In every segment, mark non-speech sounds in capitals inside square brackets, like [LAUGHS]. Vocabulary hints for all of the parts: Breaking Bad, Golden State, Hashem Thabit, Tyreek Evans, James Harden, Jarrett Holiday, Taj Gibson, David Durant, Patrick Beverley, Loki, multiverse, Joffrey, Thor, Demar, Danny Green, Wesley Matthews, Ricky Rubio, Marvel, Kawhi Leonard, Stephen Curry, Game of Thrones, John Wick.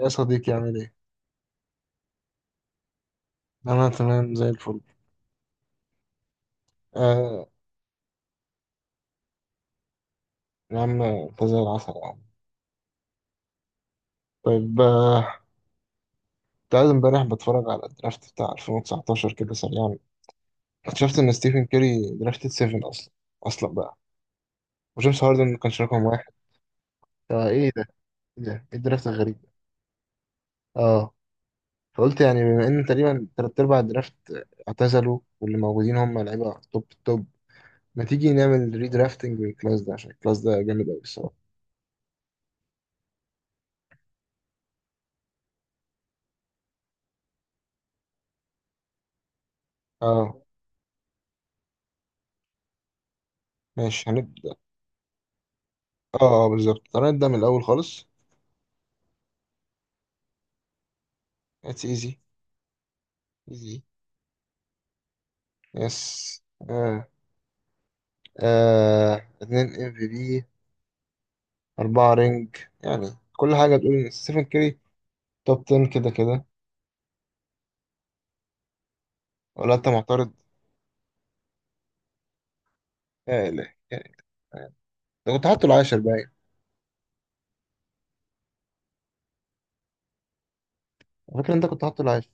يا صديقي عامل ايه؟ أنا تمام زي الفل. آه. يا عم أنت زي العسل يا عم. طيب كنت قاعد امبارح بتفرج على الدرافت بتاع 2019 كده سريعا. اكتشفت إن ستيفن كيري درافتد 7 أصلا، أصلا بقى. وجيمس هاردن ما كانش رقم واحد. آه إيه ده؟ إيه ده؟ إيه الدرافت الغريب ده؟ آه، فقلت يعني بما إن تقريبا تلات أرباع الدرافت اعتزلوا واللي موجودين هم لعيبة توب توب، ما تيجي نعمل ريدرافتنج للكلاس ده عشان الكلاس ده جامد أوي الصراحة. آه ماشي هنبدأ. بالظبط هنبدأ من الأول خالص. It's easy. Easy. Yes. آه. آه. اتنين ام في بي. أربعة رينج. يعني كل حاجة تقول إن ستيفن كيري توب 10 كده كده، ولا أنت معترض؟ يا إلهي يا إلهي. أنت كنت حاطه العاشر باين. فاكر أنت كنت حاطه العاشر.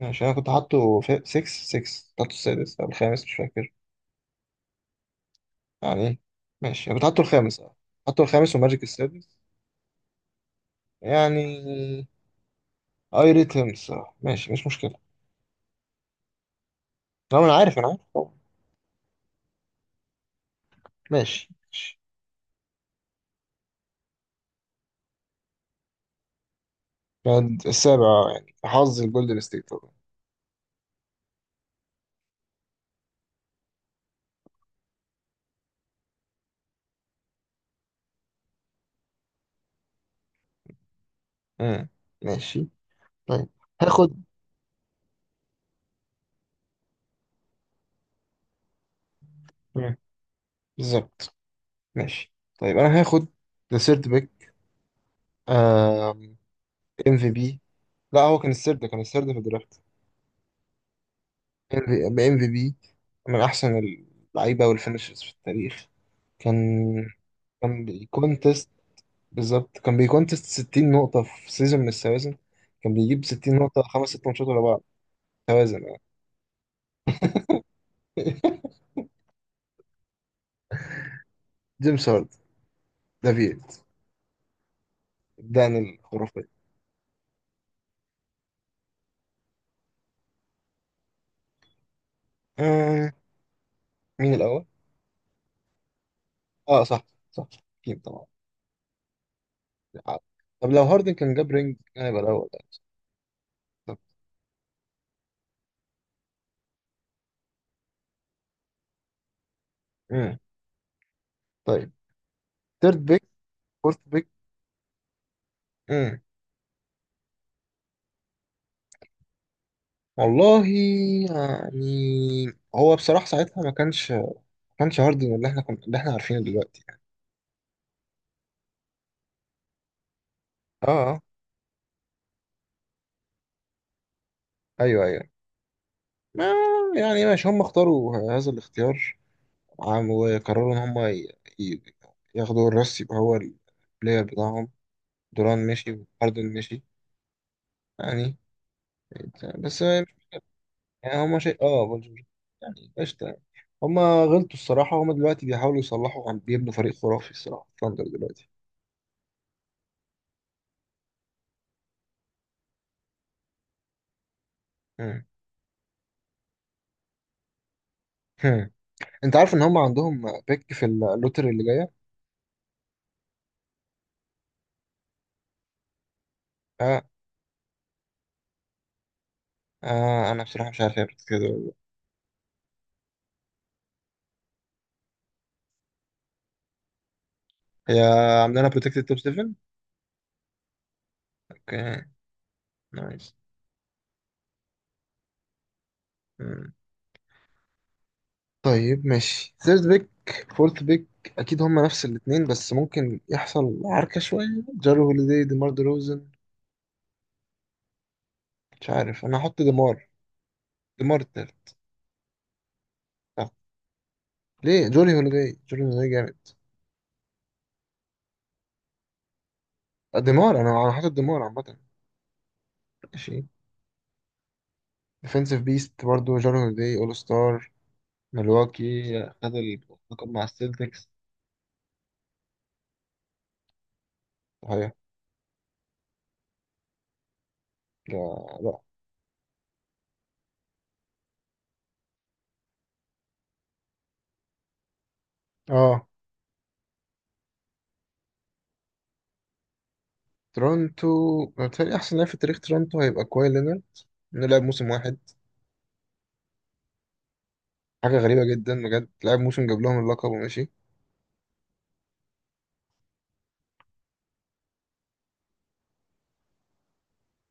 ماشي أنا كنت حاطه 6، 6 حاطه السادس أو الخامس مش فاكر يعني. ماشي أنا كنت حاطه الخامس أه، حاطه الخامس وماجيك السادس يعني. أي ريت هيم الصراحة، ماشي مش مشكلة. لا ما أنا عارف، أنا عارف طبعا. ماشي. بعد السابع آه، يعني حظ الجولدن ستيت طبعا. مم. ماشي. طيب هاخد. مم. بالظبط. ماشي. طيب انا هاخد ذا سيرد بيك. ام في بي. لا هو كان السيرد، كان السيرد في الدرافت. ام في بي. من احسن اللعيبه والفينشرز في التاريخ. كان كان بيكونتست. بالظبط كان بيكونتست 60 نقطة في سيزون من السوازن. كان بيجيب 60 نقطة خمس ست ماتشات ورا بعض. توازن يعني. [LAUGHS] جيمس هارد، دافيد دان الخرافي. آه، مين الأول؟ اه صح. صح. أكيد طبعا. آه، طب لو هاردن كان جاب رينج كان هيبقى الأول. طب. مم. طيب. تيرد بيك. فورث بيك. مم. والله يعني هو بصراحة ساعتها ما كانش هاردن اللي احنا كنا، اللي احنا عارفينه دلوقتي يعني. اه اه. ايوه ايوه. ما يعني ماشي هم اختاروا هذا الاختيار. وقرروا ان هم ي- ياخدوا الراس يبقى هو البلاير بتاعهم. دوران مشي وهاردن مشي يعني. بس يعني هما شيء اه فولفسبورج يعني. قشطة يعني. هما غلطوا الصراحة، هما دلوقتي بيحاولوا يصلحوا، عم بيبنوا فريق خرافي الصراحة ثاندر دلوقتي. مم. هم. انت عارف ان هما عندهم بيك في اللوتري اللي جاية. آه. آه انا بصراحة مش عارف هي protected ولا لا. هي عاملة لنا بروتكتد توب 7. اوكي. نايس. مم. طيب ماشي ثيرد بيك. فورث بيك. اكيد هما نفس الاتنين بس ممكن يحصل عركة شوية. جارو هوليدي، ديمار روزن. مش عارف، انا هحط ديمار. ديمار التالت. آه. ليه جولي هوليداي؟ جولي هوليداي جامد. آه، ديمار انا حاطط ديمار عامه. ماشي. ديفنسيف بيست برضه جولي هوليداي اول ستار. ملواكي خد اللقب مع السلتكس. صحيح. لا. لا. اه. تورونتو. بالتالي احسن لاعب في تاريخ تورونتو هيبقى كواي لينارد، انه لعب موسم واحد. حاجه غريبه جدا بجد، لعب موسم جاب لهم اللقب وماشي.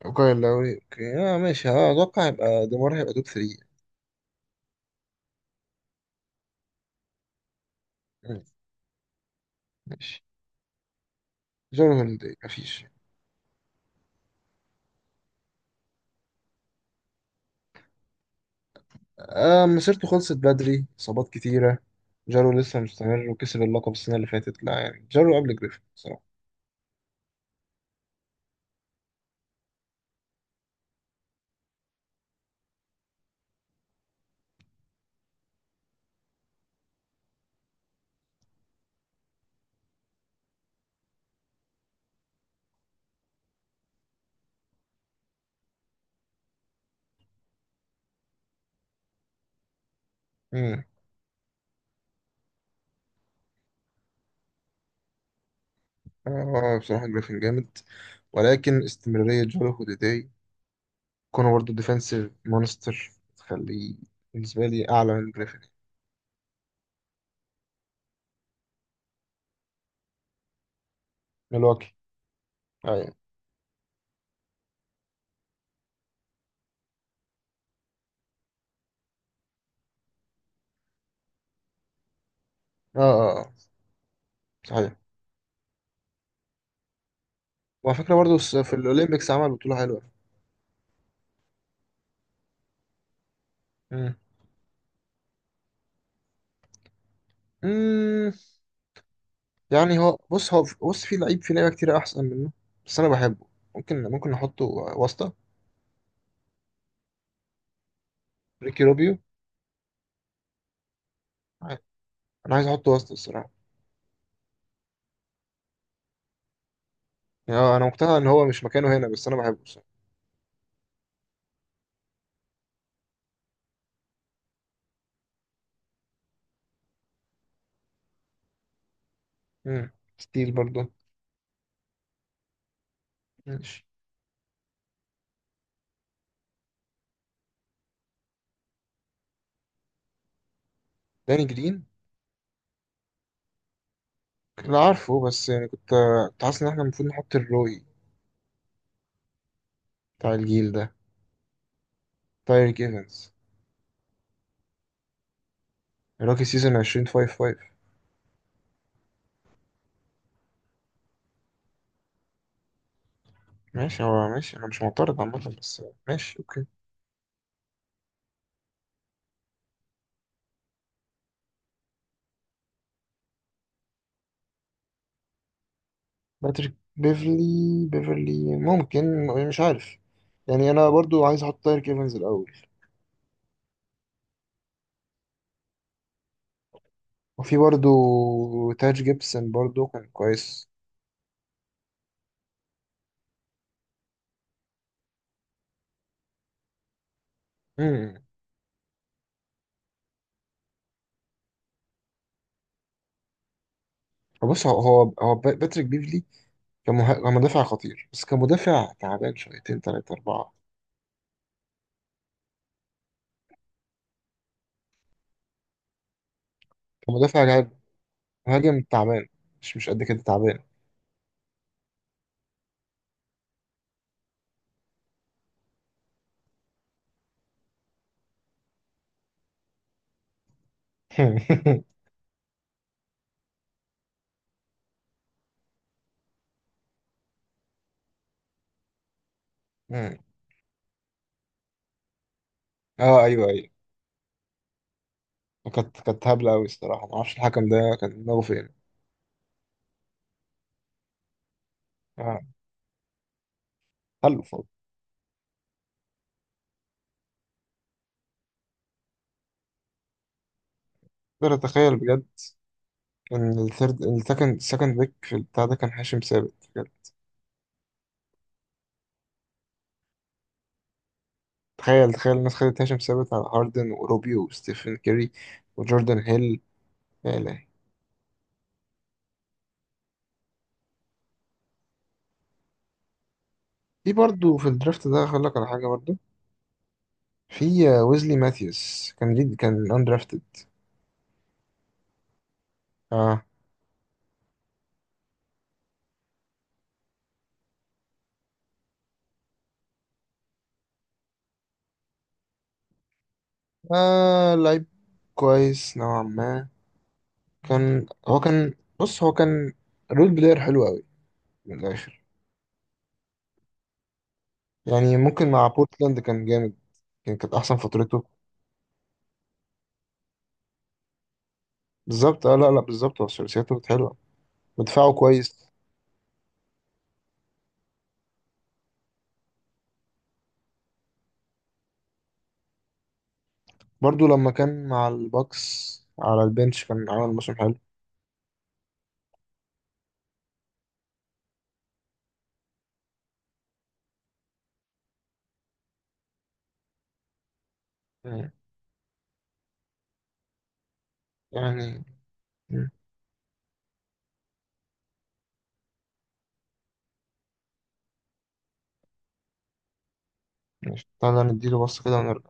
وكايل لاوري اوكي اه ماشي اه اتوقع هيبقى ديمار، هيبقى توب 3. ماشي. جولي هوليداي مفيش. آه مسيرته خلصت بدري، إصابات كتيرة. جارو لسه مستمر وكسب اللقب السنة اللي فاتت، لا يعني جارو قبل جريفن بصراحة. مم. آه بصراحة جريفن جامد، ولكن استمرارية جارو هوديداي، كونه برضه ديفنسيف مونستر، تخليه بالنسبة لي أعلى من جريفن. ملواكي. أيوة. آه آه آه، صحيح. وعلى فكرة برضه في الأولمبيكس عمل بطولة حلوة. مم. مم. يعني هو بص في لعيب في لعيبة كتير أحسن منه، بس أنا بحبه. ممكن نحطه واسطة. ريكي روبيو. انا عايز احطه وسط الصراحه. يعني انا مقتنع ان هو مش مكانه هنا بس انا بحبه الصراحه. امم، ستيل برضه. ماشي. داني جرين. لا عارفه بس يعني كنت حاسس ان احنا المفروض نحط الروي بتاع الجيل ده، تايريك ايفنز، روكي سيزون 2055. ماشي هو ماشي، انا مش معترض عامه بس ماشي اوكي. باتريك بيفرلي. بيفرلي ممكن مش عارف. يعني انا برضو عايز احط تايريك ايفنز الاول. وفي برضو تاج جيبسون برضو كان كويس. بص هو باتريك بيفلي كمدافع خطير بس كمدافع تعبان شويتين تلاتة أربعة. كمدافع لعب، مهاجم تعبان، مش قد كده تعبان. [LAUGHS] مم. اه ايوه ايوه. كانت هبلة أوي الصراحة، معرفش الحكم ده كان دماغه فين. اه. حلو فوق. أقدر أتخيل بجد إن الثيرد السكند بيك في البتاع ده كان هاشم ثابت بجد. تخيل، تخيل الناس خدت هاشم ثابت على هاردن وروبيو وستيفن كيري وجوردن هيل. يا إلهي. في برضه في الدرافت ده هقول لك على حاجة برضه. في ويزلي ماثيوس كان جد كان اندرافتد. اه. آه لعيب كويس نوعا ما. كان هو كان بص هو كان رول بلاير حلو قوي، من الآخر يعني. ممكن مع بورتلاند كان جامد. كان كانت أحسن فترته. بالظبط. اه لا لا بالظبط، هو ثلاثياته كانت حلوة ودفاعه كويس. برضو لما كان مع الباكس على البنش كان عامل موسم حلو يعني. مم. ماشي، تعالى نديله بص كده ونرجع.